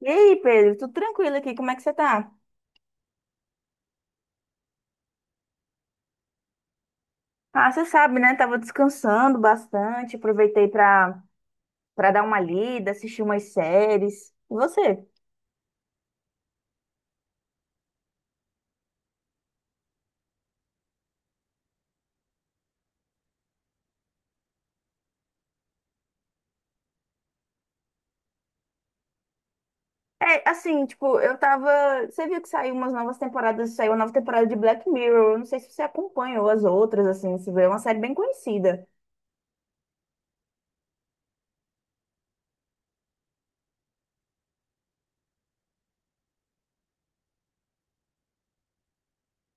E aí, Pedro, tudo tranquilo aqui? Como é que você tá? Ah, você sabe, né? Tava descansando bastante, aproveitei pra dar uma lida, assistir umas séries. E você? É, assim, tipo, eu tava. Você viu que saiu umas novas saiu uma nova temporada de Black Mirror. Eu não sei se você acompanhou as outras, assim, se vê, é uma série bem conhecida.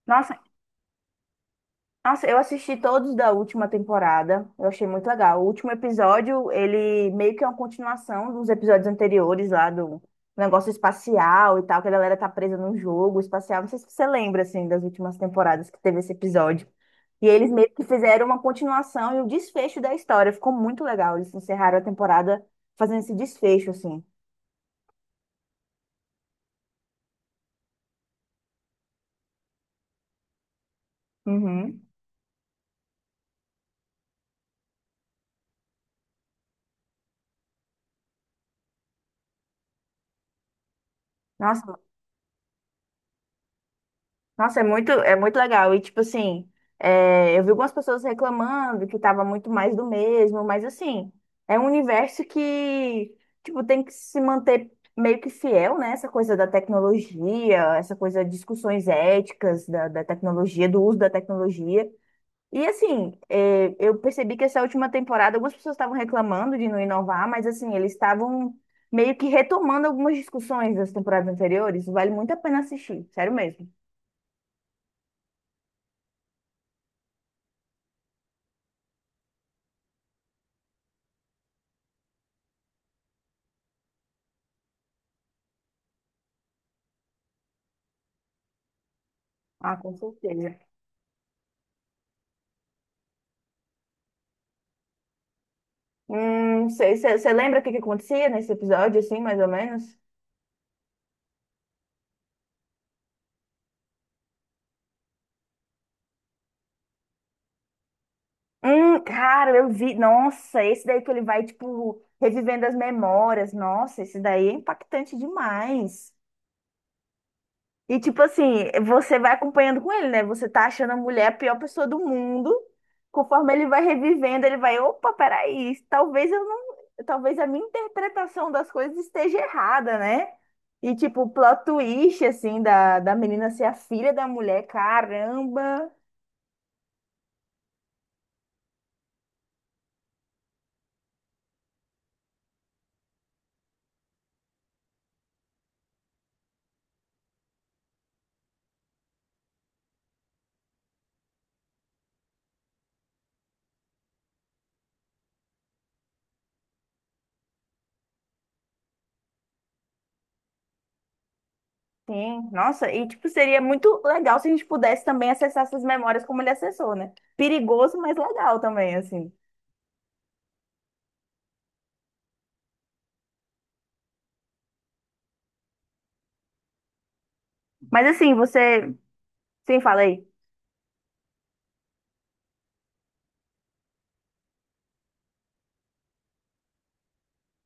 Nossa, Nossa, eu assisti todos da última temporada. Eu achei muito legal. O último episódio, ele meio que é uma continuação dos episódios anteriores lá do negócio espacial e tal, que a galera tá presa num jogo espacial. Não sei se você lembra, assim, das últimas temporadas que teve esse episódio. E eles meio que fizeram uma continuação e o desfecho da história. Ficou muito legal. Eles encerraram a temporada fazendo esse desfecho, assim. Uhum. Nossa, Nossa, é muito legal. E, tipo assim, é, eu vi algumas pessoas reclamando que tava muito mais do mesmo, mas, assim, é um universo tipo, tem que se manter meio que fiel, né? Essa coisa da tecnologia, essa coisa de discussões éticas da tecnologia, do uso da tecnologia. E, assim, é, eu percebi que essa última temporada algumas pessoas estavam reclamando de não inovar, mas, assim, eles estavam meio que retomando algumas discussões das temporadas anteriores. Vale muito a pena assistir, sério mesmo. Ah, com certeza. Não sei, você lembra o que que acontecia nesse episódio, assim, mais ou menos? Cara, eu vi. Nossa, esse daí que ele vai, tipo, revivendo as memórias. Nossa, esse daí é impactante demais. E tipo assim, você vai acompanhando com ele, né? Você tá achando a mulher a pior pessoa do mundo. Conforme ele vai revivendo, ele vai, opa, peraí, talvez eu não, talvez a minha interpretação das coisas esteja errada, né? E tipo, o plot twist assim da menina ser a filha da mulher, caramba. Sim, nossa, e tipo, seria muito legal se a gente pudesse também acessar essas memórias como ele acessou, né? Perigoso, mas legal também, assim. Mas assim, você, sim, falei.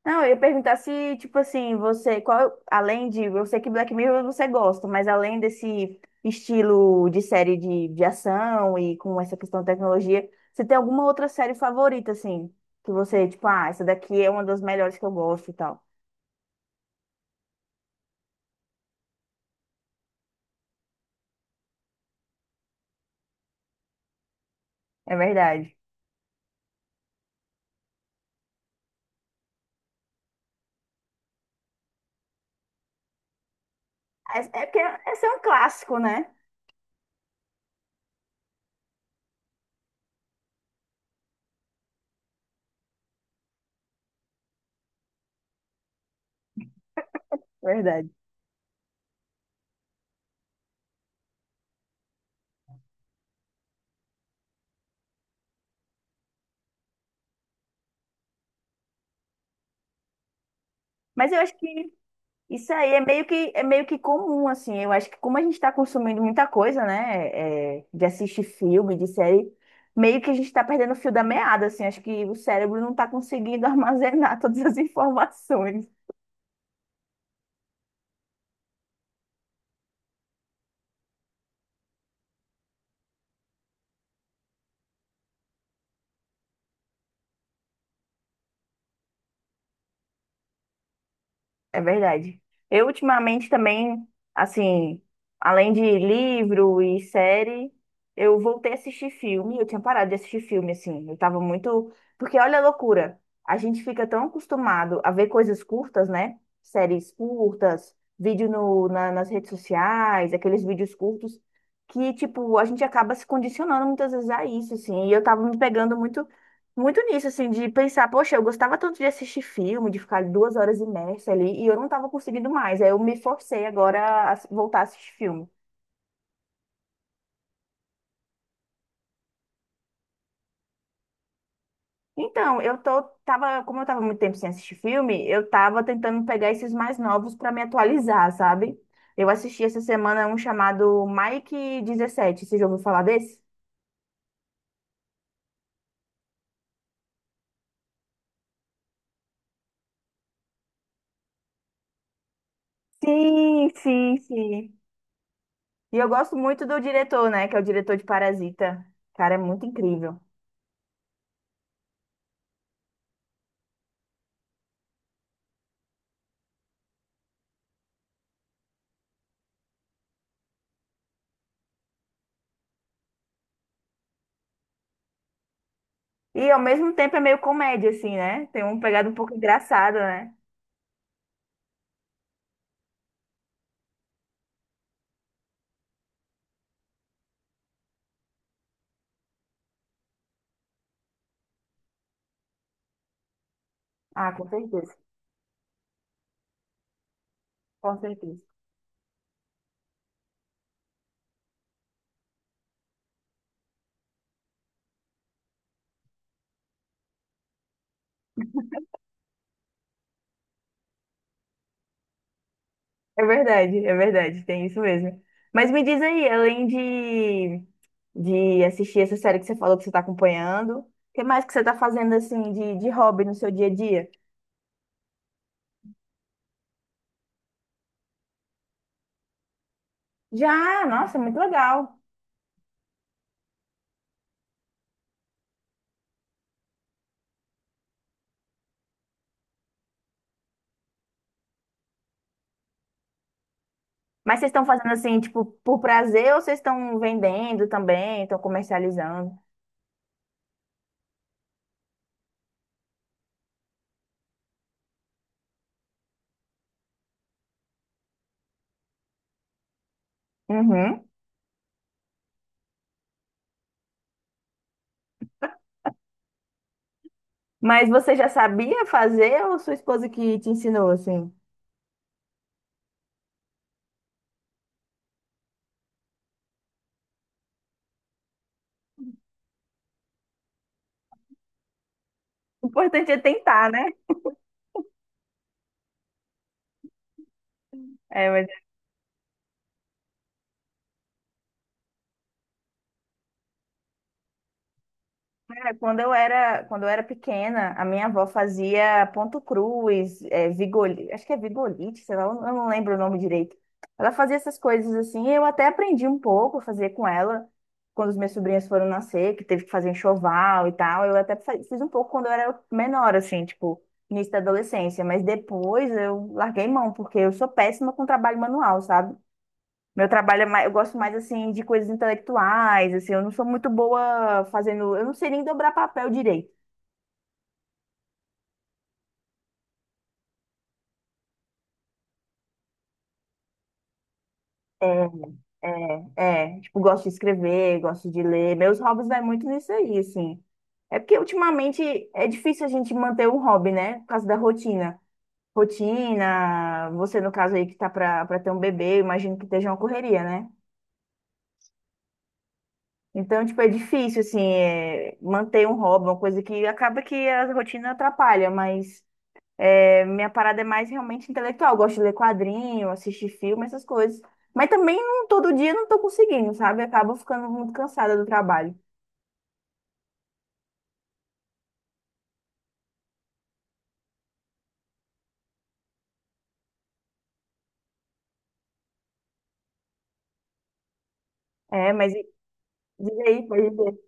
Não, eu ia perguntar se, tipo assim, você, qual, além de, eu sei que Black Mirror você gosta, mas além desse estilo de série de ação e com essa questão de tecnologia, você tem alguma outra série favorita, assim, que você, tipo, ah, essa daqui é uma das melhores que eu gosto e tal. É verdade. É porque esse é um clássico, né? Verdade. Mas eu acho que Isso aí é meio que comum, assim. Eu acho que como a gente está consumindo muita coisa, né? É, de assistir filme, de série, meio que a gente está perdendo o fio da meada, assim. Acho que o cérebro não está conseguindo armazenar todas as informações. É verdade. Eu ultimamente também, assim, além de livro e série, eu voltei a assistir filme. Eu tinha parado de assistir filme, assim. Eu tava muito. Porque olha a loucura. A gente fica tão acostumado a ver coisas curtas, né? Séries curtas, vídeo no, na- nas redes sociais, aqueles vídeos curtos, que, tipo, a gente acaba se condicionando muitas vezes a isso, assim. E eu tava me pegando muito nisso, assim, de pensar, poxa, eu gostava tanto de assistir filme, de ficar 2 horas imersa ali, e eu não estava conseguindo mais. Aí eu me forcei agora a voltar a assistir filme. Então, tava, como eu tava muito tempo sem assistir filme, eu tava tentando pegar esses mais novos para me atualizar, sabe? Eu assisti essa semana um chamado Mike 17, você já ouviu falar desse? Sim, sim, sim. E eu gosto muito do diretor, né, que é o diretor de Parasita. Cara, é muito incrível. E ao mesmo tempo é meio comédia, assim, né? Tem uma pegada um pouco engraçada, né? Ah, com certeza. Com certeza. É verdade, tem isso mesmo. Mas me diz aí, de assistir essa série que você falou que você está acompanhando, o que mais que você está fazendo, assim, de hobby no seu dia a dia? Já, nossa, muito legal. Mas vocês estão fazendo, assim, tipo, por prazer ou vocês estão vendendo também, estão comercializando? Uhum. Mas você já sabia fazer ou sua esposa que te ensinou, assim? O importante é tentar, né? É, mas, é, quando eu era pequena, a minha avó fazia ponto cruz, é, acho que é vigolite, sei lá, eu não lembro o nome direito. Ela fazia essas coisas assim, eu até aprendi um pouco a fazer com ela, quando os meus sobrinhos foram nascer, que teve que fazer enxoval e tal. Eu até fiz um pouco quando eu era menor, assim, tipo, início da adolescência, mas depois eu larguei mão, porque eu sou péssima com trabalho manual, sabe? Meu trabalho é mais, eu gosto mais assim de coisas intelectuais, assim, eu não sou muito boa fazendo, eu não sei nem dobrar papel direito. É, é, tipo, gosto de escrever, gosto de ler. Meus hobbies vai muito nisso aí, assim. É porque ultimamente é difícil a gente manter um hobby, né? Por causa da rotina. Rotina, você no caso aí que tá pra ter um bebê, eu imagino que esteja uma correria, né? Então, tipo, é difícil, assim, é, manter um hobby, uma coisa que acaba que a rotina atrapalha, mas é, minha parada é mais realmente intelectual. Eu gosto de ler quadrinho, assistir filme, essas coisas. Mas também não, todo dia não tô conseguindo, sabe? Acabo ficando muito cansada do trabalho. É, mas diz aí, pode dizer.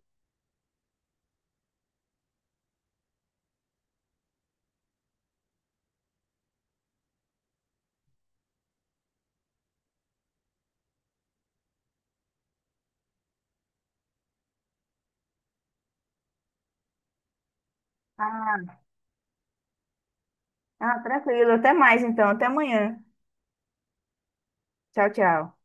Ah, ah, tranquilo. Até mais então. Até amanhã. Tchau, tchau.